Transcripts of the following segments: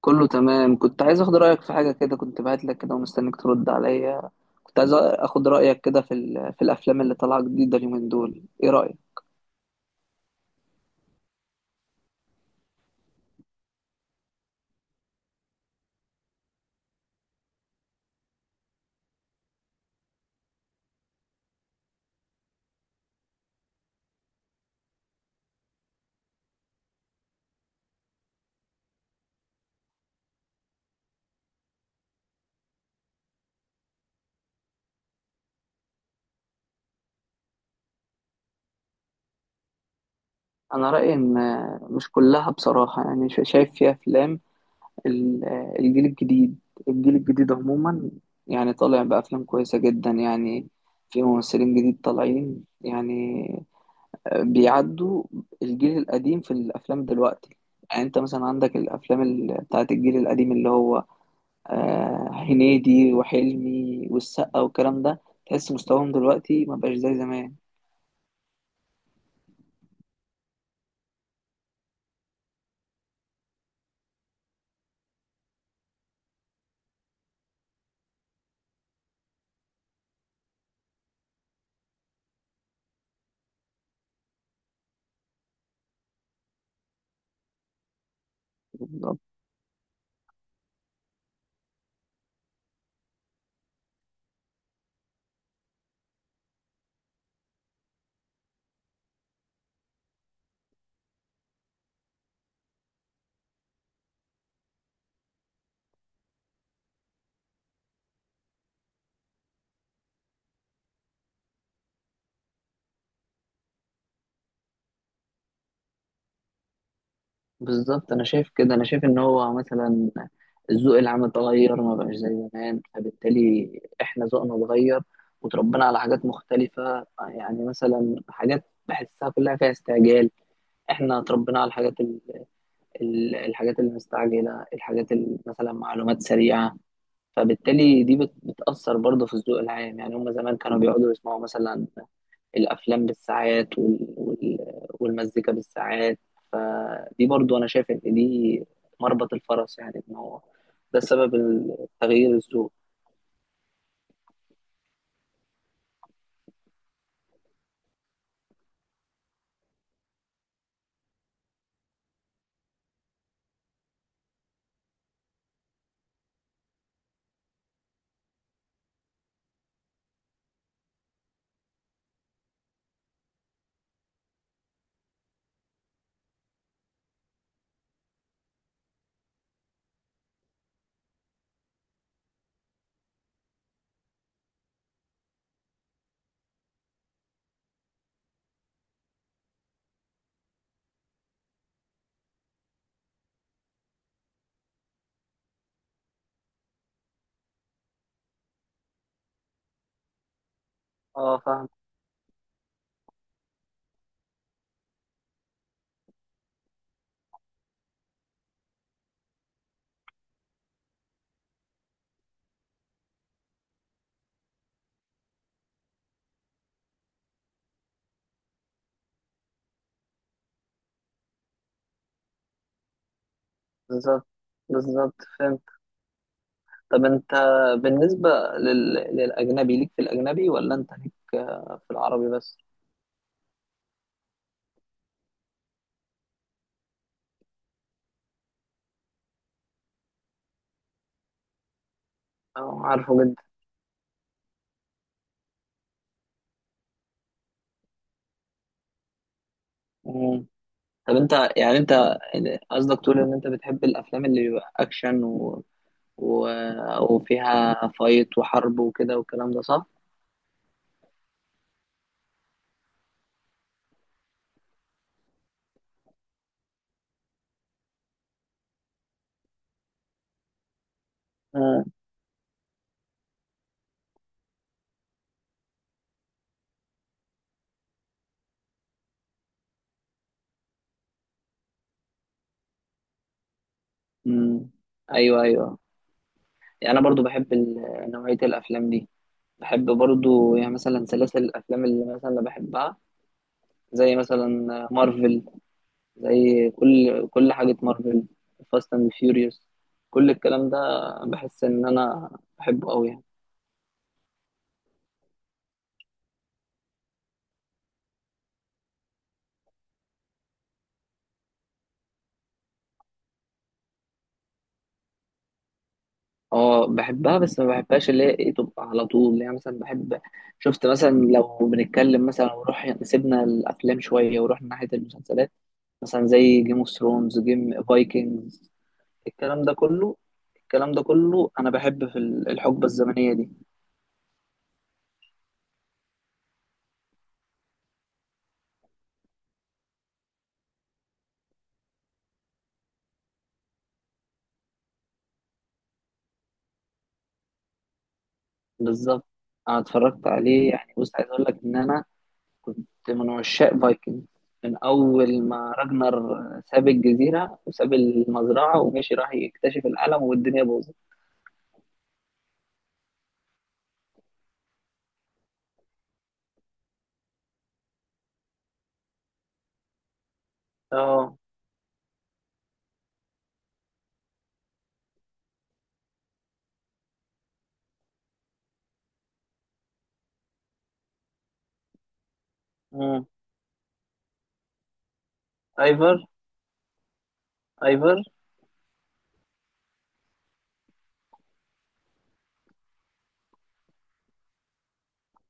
كله تمام. كنت عايز اخد رايك في حاجه كده، كنت بعت لك كده ومستنيك ترد عليا. كنت عايز اخد رايك كده في في الافلام اللي طالعه جديده اليومين دول، ايه رايك؟ انا رايي ان مش كلها بصراحه، يعني شايف فيها افلام ال- الجيل الجديد. الجيل الجديد عموما يعني طالع بافلام كويسه جدا يعني. في ممثلين جديد طالعين يعني، بيعدوا الجيل القديم في الافلام دلوقتي. يعني انت مثلا عندك الافلام بتاعت الجيل القديم اللي هو هنيدي وحلمي والسقا والكلام ده، تحس مستواهم دلوقتي ما بقاش زي زمان. بالظبط. بالظبط، انا شايف كده، انا شايف ان هو مثلا الذوق العام اتغير، ما بقاش زي زمان، فبالتالي احنا ذوقنا اتغير وتربينا على حاجات مختلفة. يعني مثلا حاجات بحسها كلها فيها استعجال، احنا اتربينا على الحاجات الحاجات المستعجلة، الحاجات مثلا معلومات سريعة. فبالتالي دي بتأثر برضه في الذوق العام. يعني هم زمان كانوا بيقعدوا يسمعوا مثلا الأفلام بالساعات والمزيكا بالساعات. فدي برضه أنا شايف إن دي مربط الفرس، يعني إن هو ده سبب تغيير الذوق. اه فاهم. بالظبط. بالظبط فهمت. طب أنت بالنسبة للأجنبي، ليك في الأجنبي ولا أنت ليك في العربي بس؟ اه عارفه جدا. مم. طب أنت، يعني أنت قصدك تقول إن أنت بتحب الأفلام اللي بيبقى أكشن و... وفيها فايت وحرب وكده والكلام ده، صح؟ آه. مم. ايوه ايوه، يعني انا برضو بحب نوعيه الافلام دي. بحب برضو يعني مثلا سلاسل الافلام اللي مثلا انا بحبها، زي مثلا مارفل، زي كل حاجه مارفل، فاست اند فيوريوس، كل الكلام ده، بحس ان انا بحبه قوي يعني. اه بحبها، بس ما بحبهاش اللي هي ايه تبقى على طول. اللي هي مثلا بحب، شفت مثلا لو بنتكلم مثلا ونروح سيبنا الافلام شويه ورحنا ناحيه المسلسلات، مثلا زي جيم اوف ثرونز، جيم فايكنجز، الكلام ده كله، الكلام ده كله انا بحب في الحقبه الزمنيه دي. بالظبط، انا اتفرجت عليه. يعني بص، عايز اقول لك ان انا كنت من عشاق فايكنج من اول ما راجنر ساب الجزيره وساب المزرعه ومشي راح يكتشف العالم والدنيا باظت. اه ايفر. ايفر.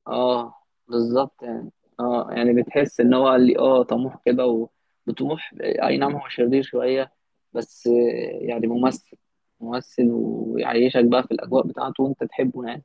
اه بالظبط يعني. اه يعني بتحس ان هو، قال لي اه طموح كده وطموح، اي نعم، هو شرير شويه بس يعني ممثل ممثل ويعيشك بقى في الاجواء بتاعته وانت تحبه يعني.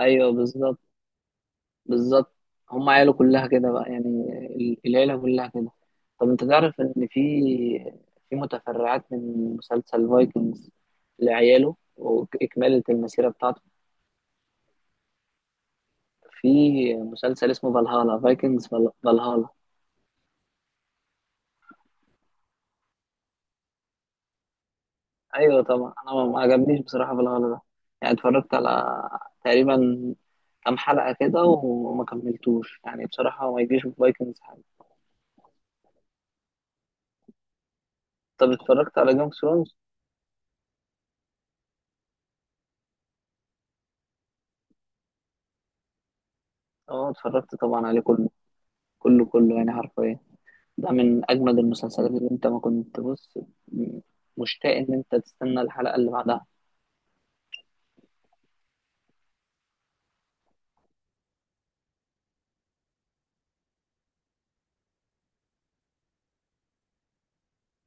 ايوه بالظبط. بالظبط، هم عياله كلها كده بقى، يعني العيله كلها كده. طب انت تعرف ان في، في متفرعات من مسلسل فايكنجز لعياله واكماله المسيره بتاعته؟ في مسلسل اسمه فالهالا فايكنجز، فالهالا. ايوه طبعا، انا ما عجبنيش بصراحه فالهالا ده. يعني اتفرجت على تقريبا كام حلقه كده وما كملتوش يعني بصراحه، ما يجيش في فايكنجز حاجه. طب اتفرجت على جيم اوف ثرونز؟ اه اتفرجت طبعا عليه كله، كله كله يعني حرفيا. ده من اجمد المسلسلات اللي انت ما كنت بص، م- مشتاق ان انت تستنى الحلقه اللي بعدها.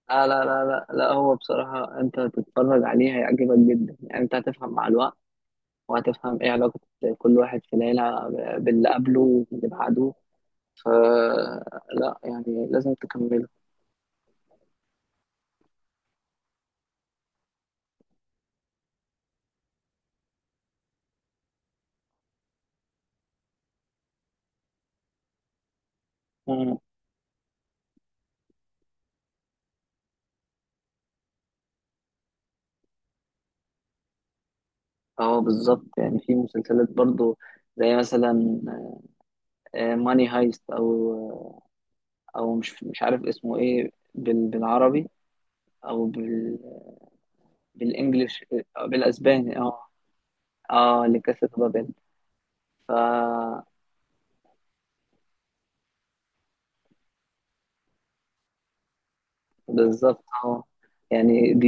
لا لا لا لا لا، هو بصراحة أنت هتتفرج عليه هيعجبك جدا. يعني أنت هتفهم مع الوقت، وهتفهم ايه علاقة كل واحد في العيلة باللي قبله واللي بعده. فلا، يعني لازم تكمله. مم. اه بالظبط، يعني في مسلسلات برضو زي مثلا ماني هايست، او او مش مش عارف اسمه ايه بالعربي او بال بالانجلش. بالاسباني اه. اه لكاسا دي بابيل. بالظبط اه، يعني دي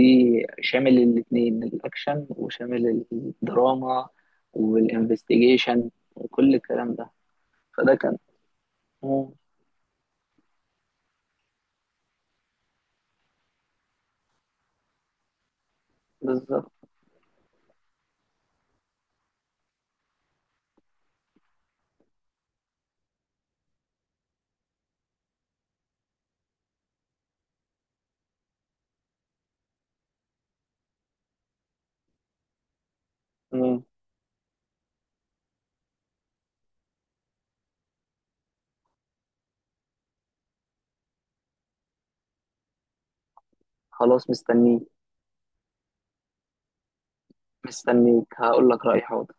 شامل الاثنين الاكشن وشامل الدراما والانفستيجيشن وكل الكلام ده، فده كان. مم. بالظبط. مم. خلاص مستنيك. مستنيك، هقول لك رأيي حاضر.